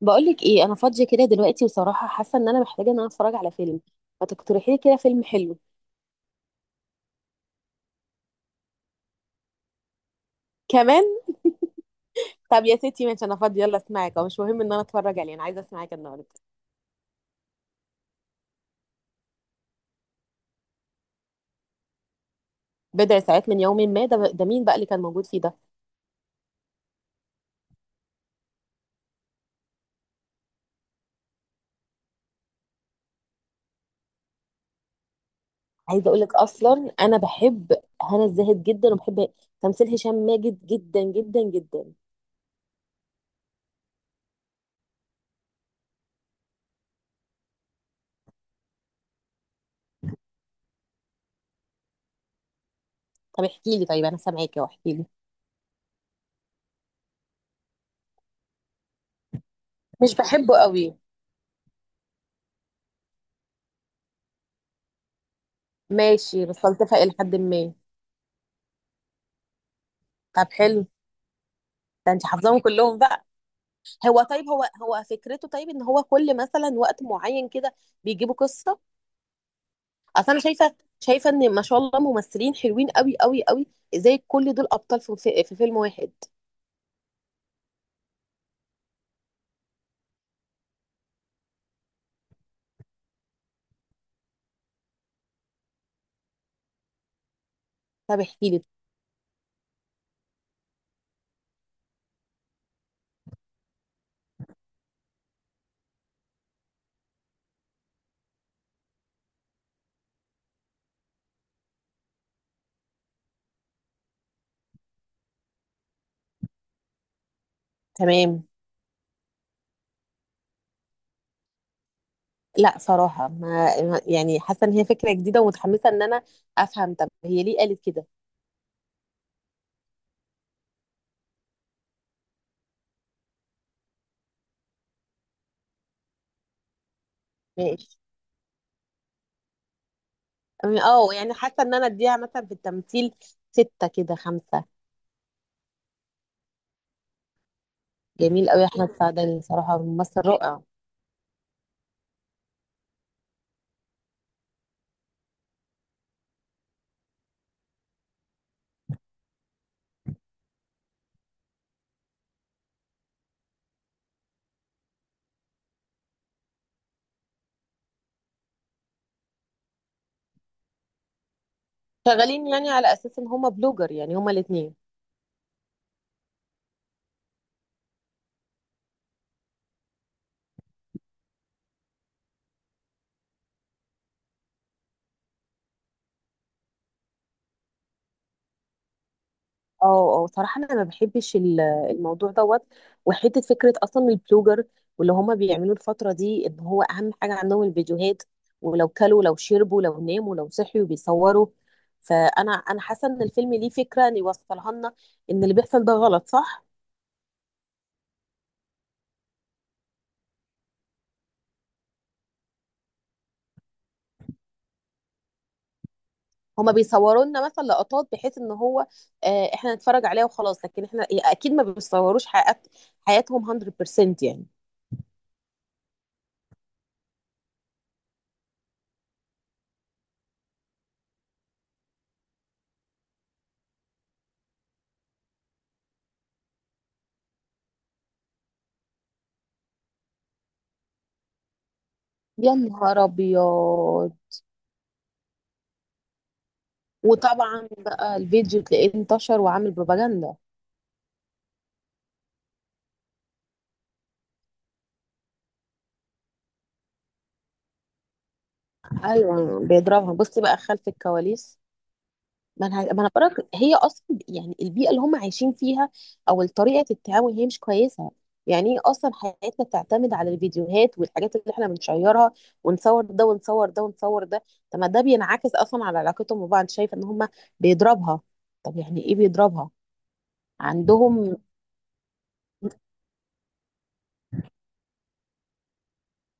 بقولك ايه انا فاضيه كده دلوقتي، وصراحه حاسه ان انا محتاجه ان انا اتفرج على فيلم. ما تقترحي لي كده فيلم حلو. كمان. طب يا ستي ماشي، انا فاضيه يلا اسمعك، أو مش مهم ان انا اتفرج عليه، انا عايزه اسمعك النهارده. بضع ساعات من يوم ما، ده مين بقى اللي كان موجود فيه ده؟ عايزه اقولك اصلا انا بحب هنا الزاهد جدا، وبحب تمثيل هشام ماجد جدا جدا جدا. طب احكي لي، طيب انا سامعاكي، واحكي لي. مش بحبه قوي. ماشي بس بلتفق الى حد ما. طب حلو. ده انت حافظاهم كلهم بقى؟ هو طيب، هو فكرته طيب ان هو كل مثلا وقت معين كده بيجيبوا قصه؟ اصل انا شايفه ان ما شاء الله ممثلين حلوين قوي قوي قوي. ازاي كل دول ابطال في فيلم واحد؟ طب احكي لي. تمام. لا صراحه، يعني حاسه ان هي فكره جديده، ومتحمسه ان انا افهم، طب هي ليه قالت كده؟ ماشي. يعني حاسه ان انا اديها مثلا في التمثيل سته كده، خمسه. جميل قوي يا احمد سعداني، صراحه ممثل رائع. شغالين يعني على اساس ان هما بلوجر، يعني هما الاثنين. اه اه صراحة انا ما بحبش الموضوع دوت، وحتة فكرة اصلا البلوجر واللي هما بيعملوا الفترة دي، ان هو اهم حاجة عندهم الفيديوهات، ولو كلوا لو شربوا لو ناموا لو صحيوا بيصوروا. فانا حاسة ان الفيلم ليه فكرة ان يوصلها لنا، ان اللي بيحصل ده غلط، صح؟ هما بيصوروا لنا مثلا لقطات، بحيث ان هو، احنا نتفرج عليها وخلاص، لكن احنا اكيد ما بيصوروش حياتهم 100% يعني. يا نهار ابيض. وطبعا بقى الفيديو تلاقيه انتشر وعامل بروباجندا. ايوه بيضربها، بصي بقى خلف الكواليس. ما انا بقولك هي اصلا يعني البيئه اللي هم عايشين فيها او طريقه التعامل هي مش كويسه. يعني ايه اصلا حياتنا تعتمد على الفيديوهات والحاجات اللي احنا بنشيرها، ونصور ده ونصور ده ونصور ده؟ طب ما ده بينعكس اصلا على علاقتهم ببعض، شايفه ان هم بيضربها؟ طب يعني ايه بيضربها عندهم؟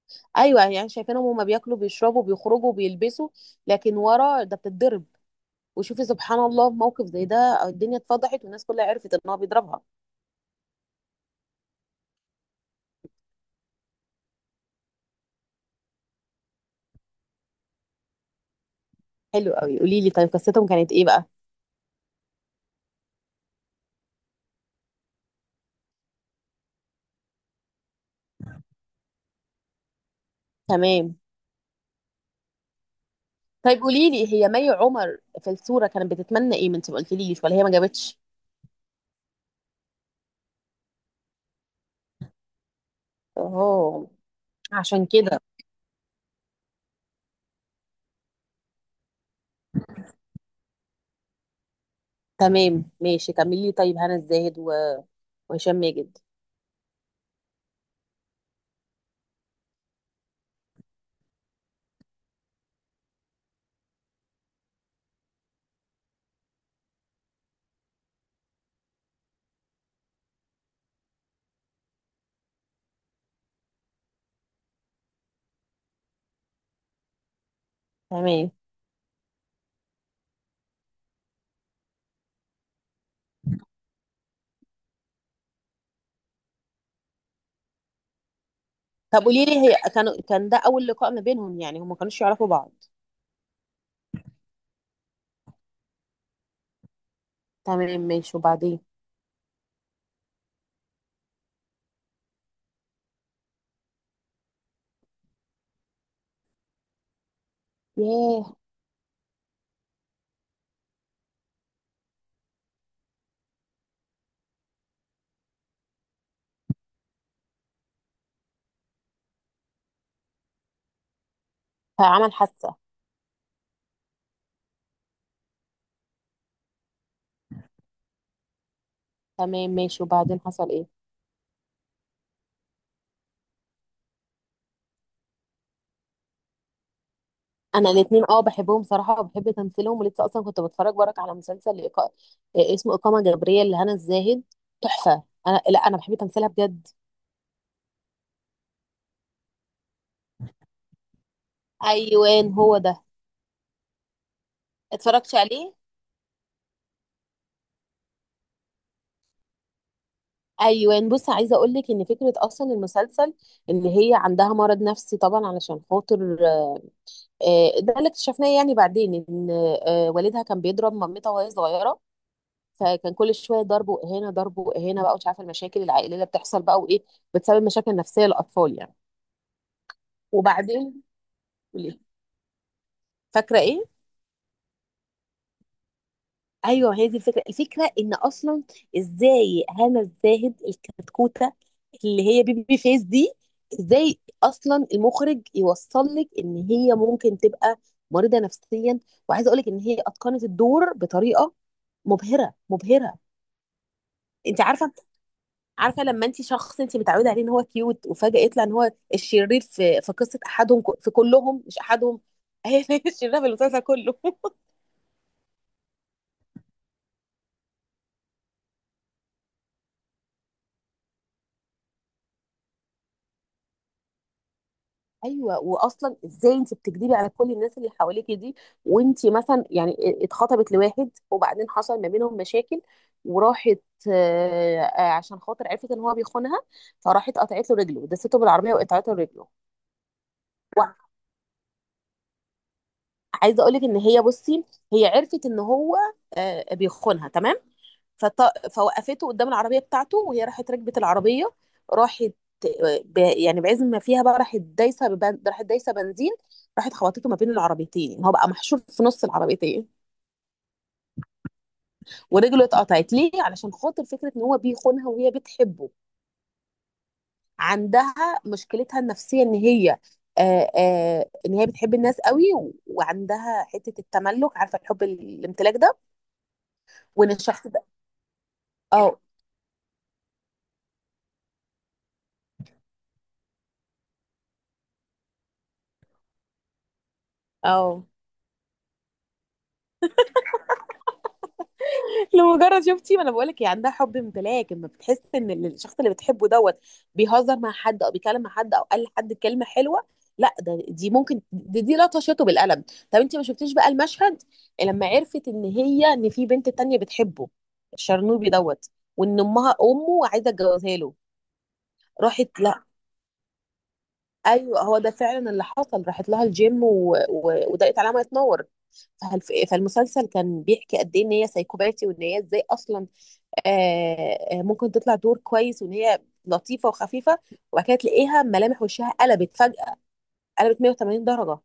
ايوه يعني شايفينهم هم بياكلوا بيشربوا بيخرجوا بيلبسوا، لكن ورا ده بتتضرب. وشوفي سبحان الله، في موقف زي ده الدنيا اتفضحت والناس كلها عرفت ان هو بيضربها. حلو قوي، قولي لي طيب قصتهم كانت ايه بقى؟ تمام. طيب قولي لي، هي مي عمر في الصورة كانت بتتمنى ايه؟ ما انت ما قلتليش، ولا هي ما جابتش؟ اه، عشان كده. تمام ماشي، كملي لي طيب هنا الزاهد وهشام ماجد. تمام. طب قولي لي، هي كانوا كان ده اول لقاء ما بينهم يعني، هم ما كانوش يعرفوا بعض؟ تمام ماشي، وبعدين؟ ياه. فعمل حادثة. تمام ماشي، وبعدين حصل ايه؟ انا الاثنين اه بحبهم صراحة، وبحب تمثيلهم، ولسه اصلا كنت بتفرج وراك على مسلسل إيقا- إيه، اسمه إقامة جبرية لهنا الزاهد. تحفة، انا لا انا بحب تمثيلها بجد. ايوان هو ده. اتفرجت عليه. ايوان بص، عايزه اقول لك ان فكره اصلا المسلسل ان هي عندها مرض نفسي طبعا، علشان خاطر ده اللي اكتشفناه يعني بعدين، ان والدها كان بيضرب مامتها وهي صغيره، فكان كل شويه ضرب واهانه، ضرب واهانه بقى، ومش عارفه المشاكل العائليه اللي بتحصل بقى وايه بتسبب مشاكل نفسيه للاطفال يعني. وبعدين، قولي، فاكره ايه؟ ايوه هي دي الفكره، الفكره ان اصلا ازاي هنا الزاهد الكتكوته اللي هي بيبي فيس دي، ازاي اصلا المخرج يوصل لك ان هي ممكن تبقى مريضه نفسيا؟ وعايزه اقول لك ان هي اتقنت الدور بطريقه مبهره مبهره. انت عارفه، عارفه لما انت شخص انت متعوده عليه ان هو كيوت، وفجاه يطلع ان هو الشرير في قصه احدهم، في كلهم مش احدهم. هي الشريره في المسلسل كله. ايوه، واصلا ازاي انت بتكذبي على كل الناس اللي حواليكي دي؟ وانت مثلا يعني اتخطبت لواحد، وبعدين حصل ما بينهم مشاكل، وراحت عشان خاطر عرفت ان هو بيخونها، فراحت قطعت له رجله، دسته بالعربيه وقطعت له رجله. وعايزه اقول لك ان هي بصي، هي عرفت ان هو بيخونها، تمام. فوقفته قدام العربية بتاعته، وهي راحت ركبت العربية، راحت يعني بعزم ما فيها بقى راحت دايسة راحت دايسة بنزين، راحت خبطته ما بين العربيتين، يعني هو بقى محشور في نص العربيتين. ورجله اتقطعت ليه؟ علشان خاطر فكرة ان هو بيخونها وهي بتحبه. عندها مشكلتها النفسية ان هي، آه ان هي بتحب الناس قوي، وعندها حتة التملك، عارفة الحب الامتلاك ده؟ وان الشخص ده. اه اه لمجرد شفتي، ما انا بقول لك هي عندها حب امتلاك، لما بتحس ان الشخص اللي بتحبه دوت بيهزر مع حد او بيكلم مع حد او قال لحد كلمه حلوه، لا ده دي ممكن دي لطشته بالقلم. طب انت ما شفتيش بقى المشهد لما عرفت ان هي، ان في بنت تانية بتحبه، الشرنوبي دوت، وان امه عايزه تجوزها له؟ راحت، لا، ايوه هو ده فعلا اللي حصل، راحت لها الجيم وضاقت عليها ما تنور. فالمسلسل كان بيحكي قد ايه ان هي سايكوباتي، وان هي ازاي اصلا ممكن تطلع دور كويس، وان هي لطيفه وخفيفه، وبعد كده تلاقيها ملامح وشها قلبت فجاه، قلبت 180 درجه.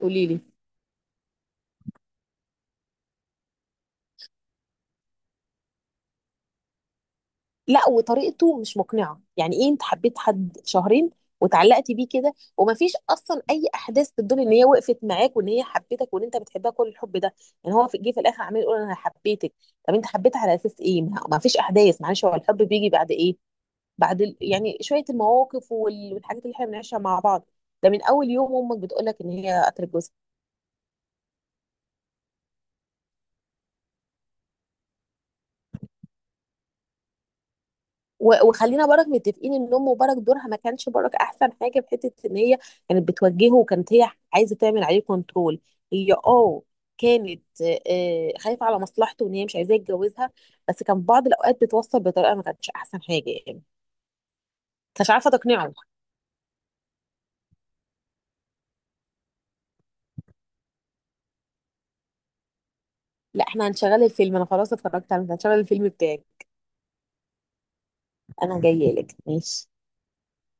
قولي لي. لا وطريقته مش مقنعه، يعني ايه انت حبيت حد شهرين وتعلقتي بيه كده، ومفيش اصلا اي احداث تدل ان هي وقفت معاك وان هي حبيتك وان انت بتحبها كل الحب ده؟ يعني هو في، جه في الاخر عمال يقول انا حبيتك، طب انت حبيتها على اساس ايه؟ ما فيش احداث، معلش، هو الحب بيجي بعد ايه؟ بعد يعني شويه المواقف والحاجات اللي احنا بنعيشها مع بعض. ده من اول يوم امك بتقول لك ان هي قتلت جوزها. وخلينا برك متفقين ان ام برك دورها ما كانش برك احسن حاجه، في حته ان هي كانت بتوجهه، وكانت هي عايزه تعمل عليه كنترول. هي اه كانت خايفه على مصلحته، وان هي مش عايزاه يتجوزها، بس كان في بعض الاوقات بتوصل بطريقه ما كانتش احسن حاجه يعني، مش عارفه تقنعه. لا احنا هنشغل الفيلم، انا خلاص اتفرجت على هنشغل الفيلم بتاعي. انا جايه لك، ماشي.